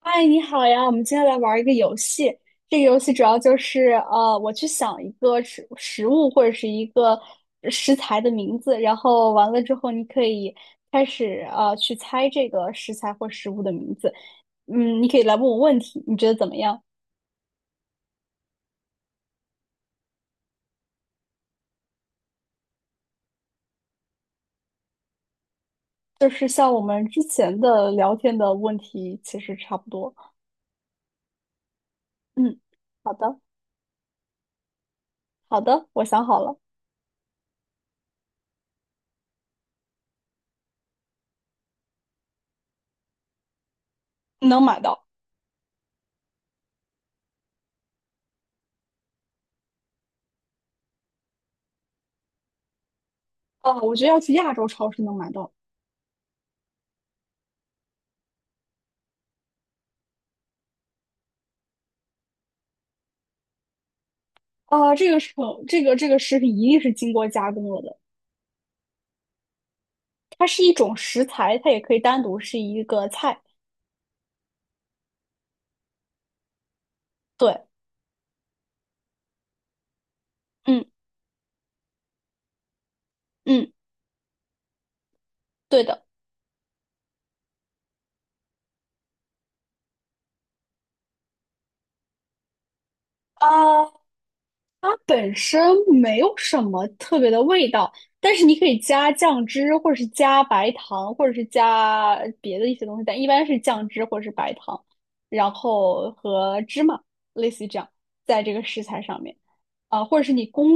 嗨，你好呀！我们今天来玩一个游戏。这个游戏主要就是，我去想一个食物或者是一个食材的名字，然后完了之后，你可以开始去猜这个食材或食物的名字。嗯，你可以来问我问题，你觉得怎么样？就是像我们之前的聊天的问题，其实差不多。嗯，好的，好的，我想好了，能买到。我觉得要去亚洲超市能买到。啊，这个这个食品一定是经过加工了的，它是一种食材，它也可以单独是一个菜。对，嗯嗯，对的。啊。它本身没有什么特别的味道，但是你可以加酱汁，或者是加白糖，或者是加别的一些东西，但一般是酱汁或者是白糖，然后和芝麻，类似于这样，在这个食材上面，或者是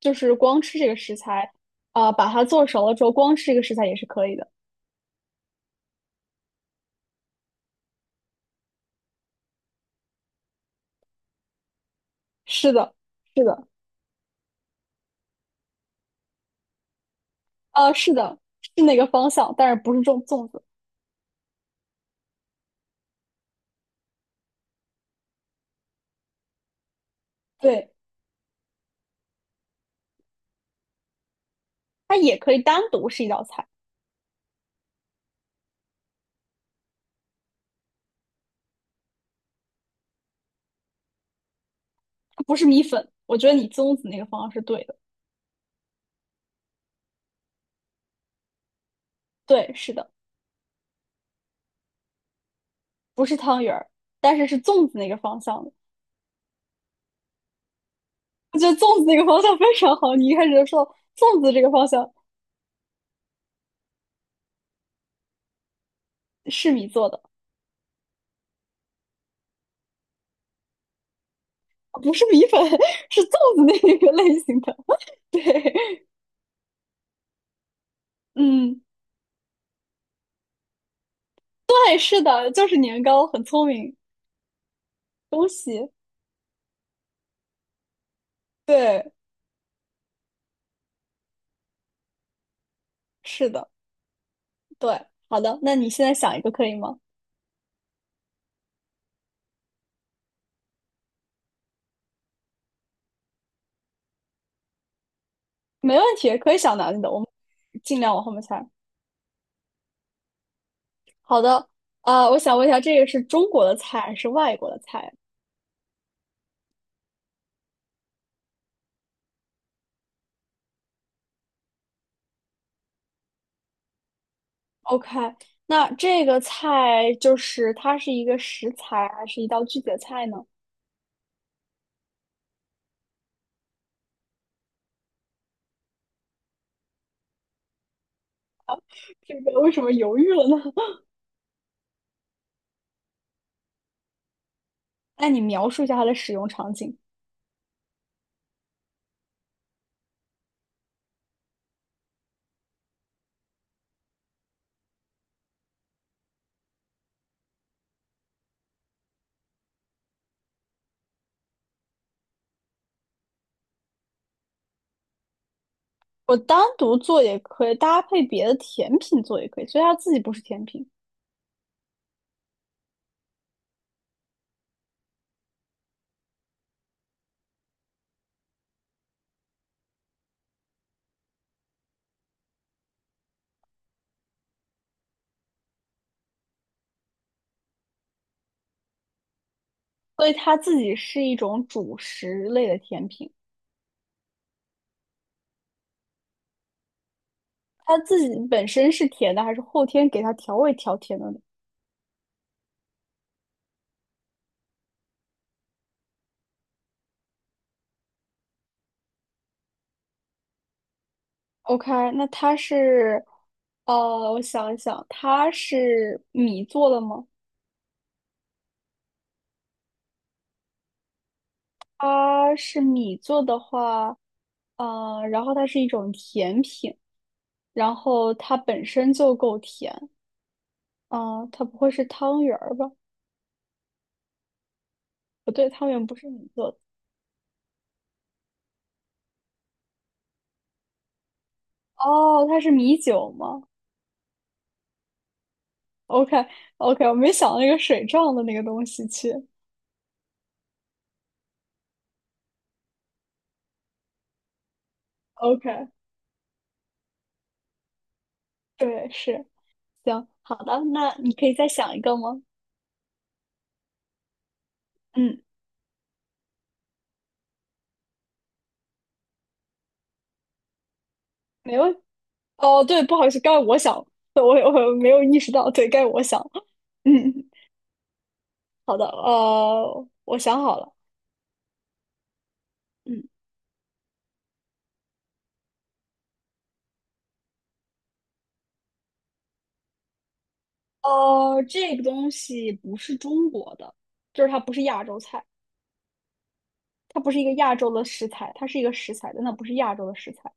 就是光吃这个食材，把它做熟了之后光吃这个食材也是可以的。是的，是的，呃，是的，是那个方向，但是不是种粽子，对，它也可以单独是一道菜。不是米粉，我觉得你粽子那个方向是对的。对，是的，不是汤圆儿，但是是粽子那个方向的。我觉得粽子那个方向非常好。你一开始就说粽子这个方向是米做的，不是米粉，是粽子那个类型的。对，嗯，对，是的，就是年糕，很聪明，恭喜。对，是的，对，好的，那你现在想一个可以吗？没问题，可以想难的，我们尽量往后面猜。好的，我想问一下，这个是中国的菜还是外国的菜？OK，那这个菜就是它是一个食材还是一道具体的菜呢？这个为什么犹豫了呢？那你描述一下它的使用场景。我单独做也可以，搭配别的甜品做也可以，所以它自己不是甜品，所以它自己是一种主食类的甜品。它自己本身是甜的，还是后天给它调味调甜的呢？OK，那它是，我想一想，它是米做的吗？它是米做的话，然后它是一种甜品，然后它本身就够甜，啊，它不会是汤圆儿吧？不对，汤圆不是米做的。哦，它是米酒吗？OK，OK，我没想到那个水状的那个东西去。OK，对，是，行，好的，那你可以再想一个吗？嗯，没问题。哦，对，不好意思，该我想，对我没有意识到，对，该我想。嗯，好的，我想好了，嗯，这个东西不是中国的，就是它不是亚洲菜，它不是一个亚洲的食材，它是一个食材，但它不是亚洲的食材。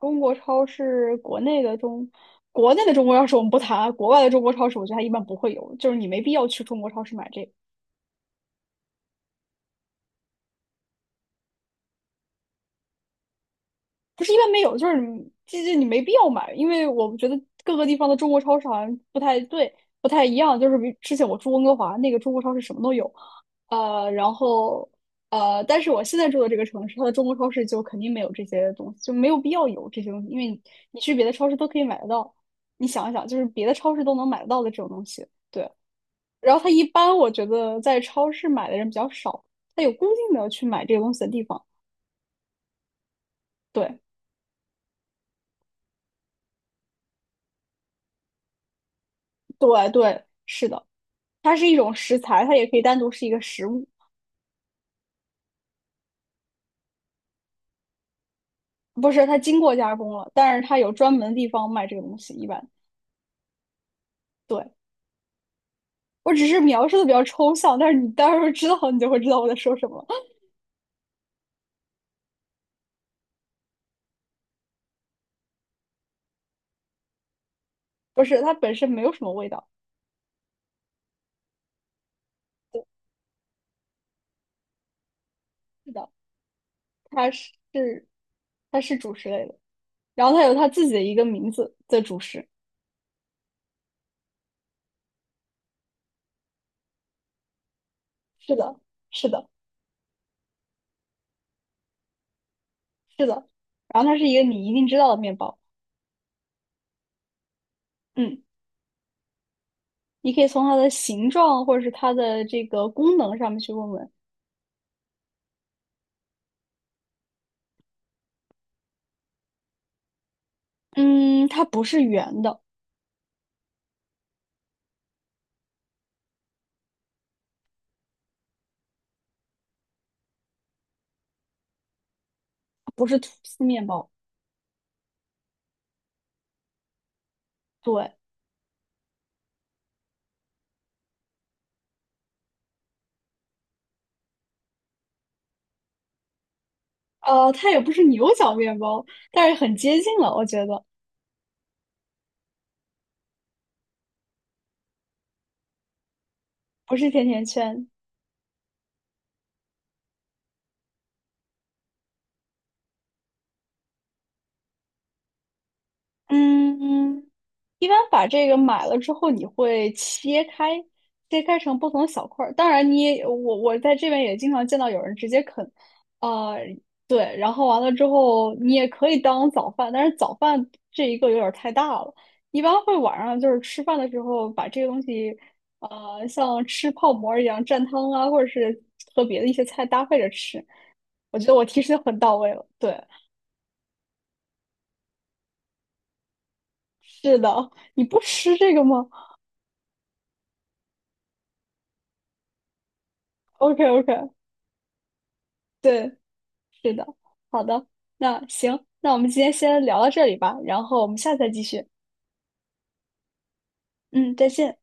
中国超市国内的中，国内的中国超市我们不谈啊，国外的中国超市我觉得它一般不会有，就是你没必要去中国超市买这个。不是一般没有，就是你你没必要买，因为我觉得各个地方的中国超市好像不太对，不太一样。就是比之前我住温哥华那个中国超市什么都有，呃，然后但是我现在住的这个城市，它的中国超市就肯定没有这些东西，就没有必要有这些东西，因为你去别的超市都可以买得到。你想一想，就是别的超市都能买得到的这种东西，对。然后它一般我觉得在超市买的人比较少，它有固定的去买这个东西的地方，对对对，是的。它是一种食材，它也可以单独是一个食物，不是，它经过加工了，但是它有专门的地方卖这个东西。一般对我只是描述的比较抽象，但是你到时候知道你就会知道我在说什么了。不是，它本身没有什么味道，是的，它是它是主食类的，然后它有它自己的一个名字的主食，是的，是的，是的，然后它是一个你一定知道的面包，嗯，你可以从它的形状或者是它的这个功能上面去问问，嗯，它不是圆的。不是吐司面包，对，它也不是牛角面包，但是很接近了，我觉得不是甜甜圈，嗯，一般把这个买了之后，你会切开，切开成不同的小块儿。当然你也，我在这边也经常见到有人直接啃，呃，对，然后完了之后，你也可以当早饭，但是早饭这一个有点儿太大了。一般会晚上就是吃饭的时候把这个东西，像吃泡馍儿一样蘸汤啊，或者是和别的一些菜搭配着吃。我觉得我提示的很到位了。对，是的，你不吃这个吗？OK OK，对，是的，好的，那行，那我们今天先聊到这里吧，然后我们下次再继续。嗯，再见。